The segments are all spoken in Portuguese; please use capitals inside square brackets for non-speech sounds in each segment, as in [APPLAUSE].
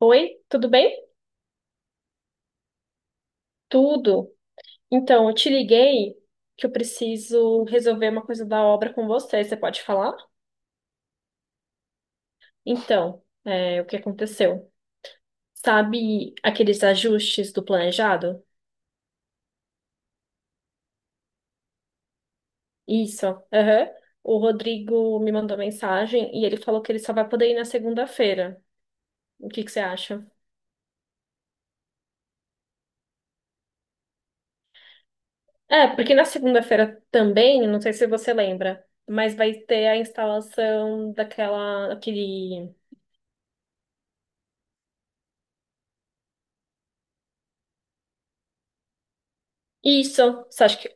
Oi, tudo bem? Tudo. Então, eu te liguei que eu preciso resolver uma coisa da obra com você. Você pode falar? Então, o que aconteceu? Sabe aqueles ajustes do planejado? Isso. Aham. O Rodrigo me mandou mensagem e ele falou que ele só vai poder ir na segunda-feira. O que que você acha? É, porque na segunda-feira também, não sei se você lembra, mas vai ter a instalação daquela, aquele. Isso, você acha que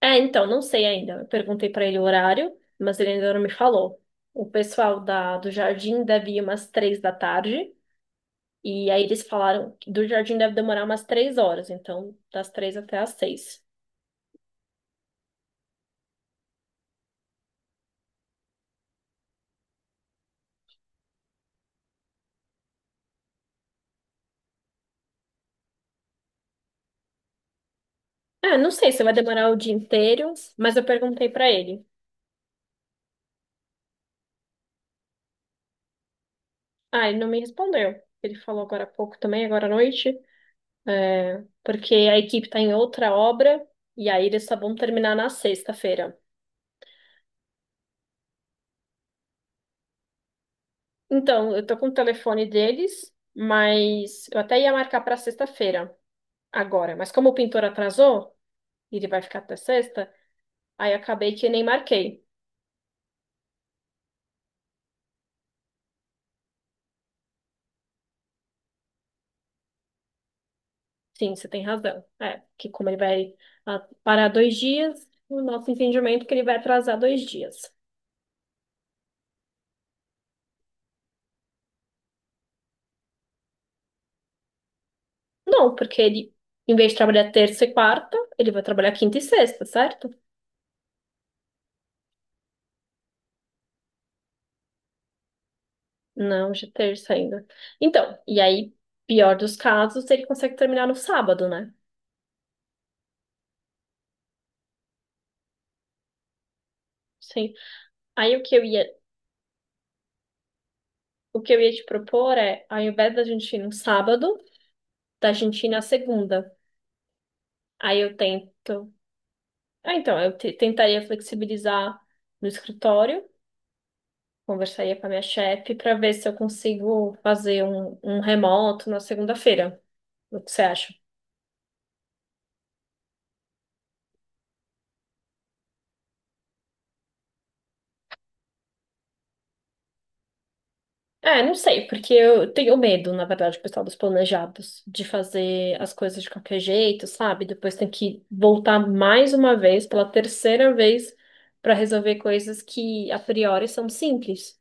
É, então, não sei ainda. Eu perguntei para ele o horário, mas ele ainda não me falou. O pessoal do jardim deve ir umas 3 da tarde. E aí eles falaram que do jardim deve demorar umas 3 horas. Então, das 3 até às 6. É, não sei se vai demorar o dia inteiro, mas eu perguntei para ele. Ah, ele não me respondeu. Ele falou agora há pouco também, agora à noite. É, porque a equipe tá em outra obra. E aí eles só vão terminar na sexta-feira. Então, eu tô com o telefone deles, mas eu até ia marcar para sexta-feira agora. Mas como o pintor atrasou, e ele vai ficar até sexta, aí acabei que nem marquei. Sim, você tem razão. É, que como ele vai parar 2 dias, o nosso entendimento é que ele vai atrasar 2 dias. Não, porque ele, em vez de trabalhar terça e quarta, ele vai trabalhar quinta e sexta, certo? Não, hoje é terça ainda. Então, e aí, pior dos casos, ele consegue terminar no sábado, né? Sim. Aí o que eu ia O que eu ia te propor é, ao invés da gente ir no sábado, da gente ir na segunda. Aí eu tento. Ah, então, tentaria flexibilizar no escritório, conversaria com a minha chefe para ver se eu consigo fazer um remoto na segunda-feira. O que você acha? É, não sei, porque eu tenho medo, na verdade, pessoal, dos planejados, de fazer as coisas de qualquer jeito, sabe? Depois tem que voltar mais uma vez, pela terceira vez, para resolver coisas que a priori são simples.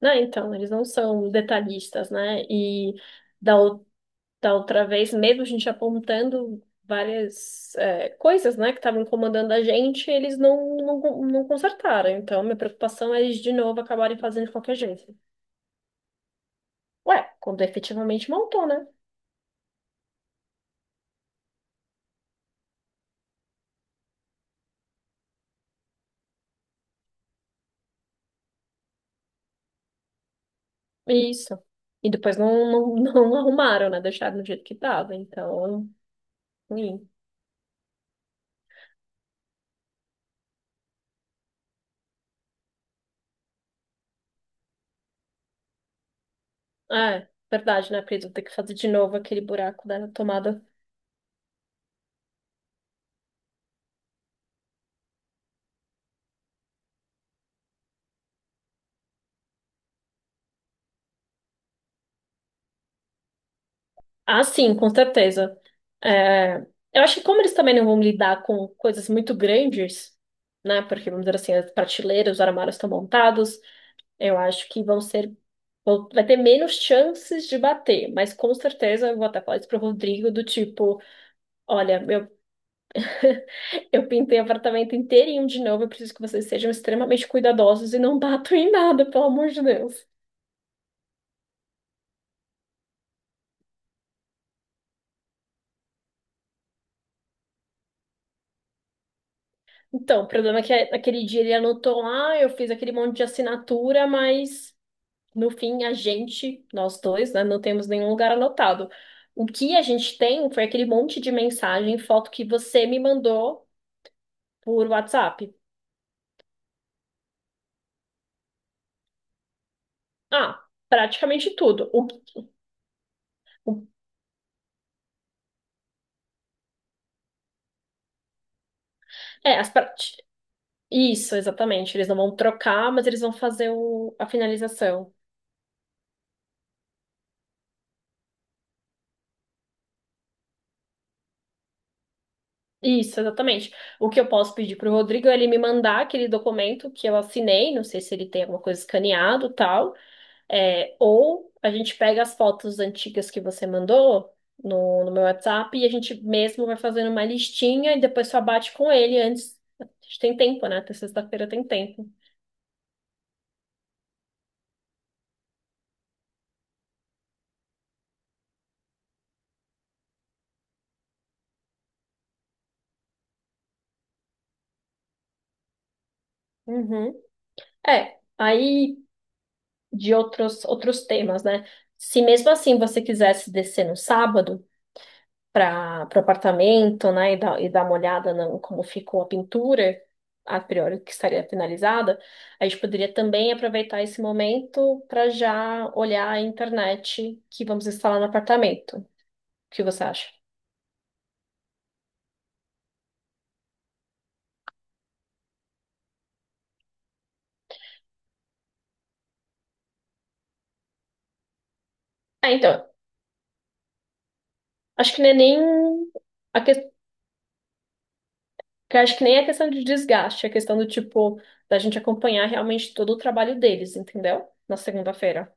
Não, então, eles não são detalhistas, né? E da, ou- da outra vez, mesmo a gente apontando várias coisas, né, que estavam incomodando a gente, eles não, não, não consertaram. Então, minha preocupação é eles de novo acabarem fazendo de qualquer jeito. Ué, quando efetivamente montou, né? Isso. E depois não, não, [LAUGHS] não arrumaram, né? Deixaram do jeito que tava. Então, ruim. Ah, é, verdade, né, Pedro? Ter que fazer de novo aquele buraco da tomada. Ah, sim, com certeza. É, eu acho que como eles também não vão lidar com coisas muito grandes, né? Porque, vamos dizer assim, as prateleiras, os armários estão montados, eu acho que vão ser, vai ter menos chances de bater. Mas com certeza eu vou até falar isso pro Rodrigo, do tipo, olha, eu pintei o apartamento inteirinho de novo, eu preciso que vocês sejam extremamente cuidadosos e não [LAUGHS] batam em nada, pelo amor de Deus. Então, o problema é que naquele dia ele anotou lá, eu fiz aquele monte de assinatura, mas no fim, a gente, nós dois, né, não temos nenhum lugar anotado. O que a gente tem foi aquele monte de mensagem, foto que você me mandou por WhatsApp. Ah, praticamente tudo. O- as partes. Isso, exatamente. Eles não vão trocar, mas eles vão fazer a finalização. Isso, exatamente. O que eu posso pedir para o Rodrigo é ele me mandar aquele documento que eu assinei, não sei se ele tem alguma coisa escaneado, tal. É, ou a gente pega as fotos antigas que você mandou no meu WhatsApp e a gente mesmo vai fazendo uma listinha e depois só bate com ele antes. A gente tem tempo, né? Até sexta-feira tem tempo. Uhum. É, aí de outros temas, né? Se mesmo assim você quisesse descer no sábado para o apartamento, né, e dar uma olhada no, como ficou a pintura, a priori que estaria finalizada, a gente poderia também aproveitar esse momento para já olhar a internet que vamos instalar no apartamento. O que você acha? Ah, então, acho que não é nem a que acho que nem é questão de desgaste, é questão do tipo da gente acompanhar realmente todo o trabalho deles, entendeu? Na segunda-feira.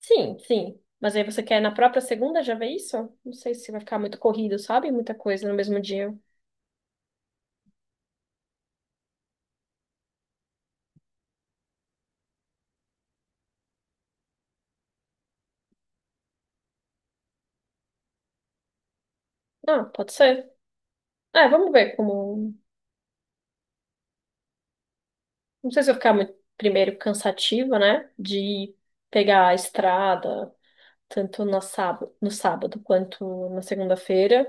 Sim, sim. Mas aí você quer na própria segunda já ver isso? Não sei se vai ficar muito corrido, sabe? Muita coisa no mesmo dia. Ah, pode ser. É, vamos ver como. Não sei se vai ficar muito, primeiro, cansativa, né? De pegar a estrada, tanto no sábado, quanto na segunda-feira.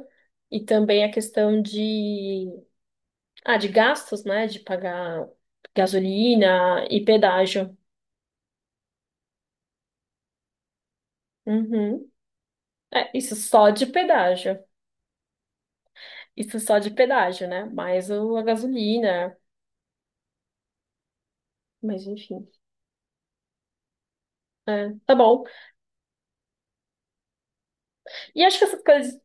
E também a questão de. Ah, de gastos, né? De pagar gasolina e pedágio. Uhum. É, isso só de pedágio. Isso só de pedágio, né? Mais o, a gasolina, mas enfim. É, tá bom. E acho que essas coisas,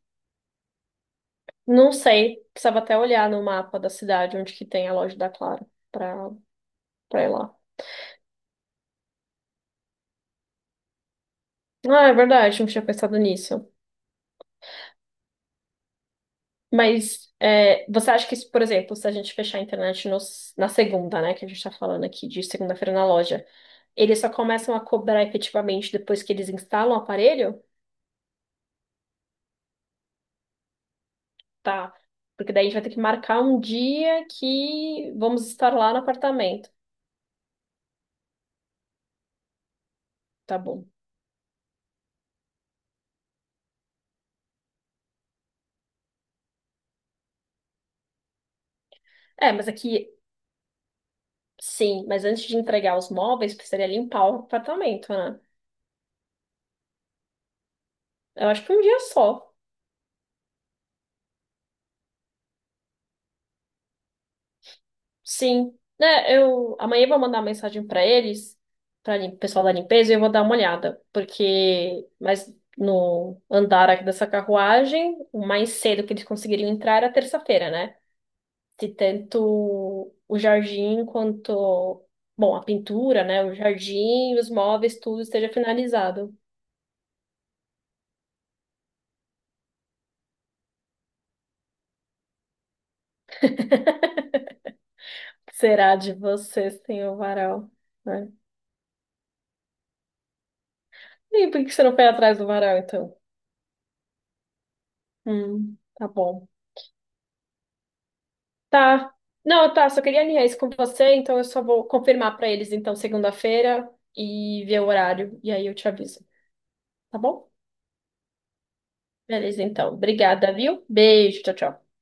não sei, precisava até olhar no mapa da cidade onde que tem a loja da Claro pra, pra ir lá. Ah, é verdade, não tinha pensado nisso. Mas é, você acha que, se, por exemplo, se a gente fechar a internet na segunda, né, que a gente tá falando aqui de segunda-feira na loja, eles só começam a cobrar efetivamente depois que eles instalam o aparelho? Tá. Porque daí a gente vai ter que marcar um dia que vamos estar lá no apartamento. Tá bom. É, mas aqui, sim, mas antes de entregar os móveis, precisaria limpar o apartamento, né? Eu acho que um dia só. Sim. Né, eu amanhã eu vou mandar uma mensagem pra eles, para o pessoal da limpeza, e eu vou dar uma olhada, porque mas no andar aqui dessa carruagem, o mais cedo que eles conseguiriam entrar era terça-feira, né? De tanto o jardim quanto, bom, a pintura, né, o jardim, os móveis, tudo esteja finalizado. Será de você sem o varal, né? E por que você não foi atrás do varal, então? Tá bom. Tá. Não, tá, só queria alinhar isso com você, então eu só vou confirmar pra eles, então, segunda-feira e ver o horário, e aí eu te aviso, tá bom? Beleza, então. Obrigada, viu? Beijo, tchau, tchau.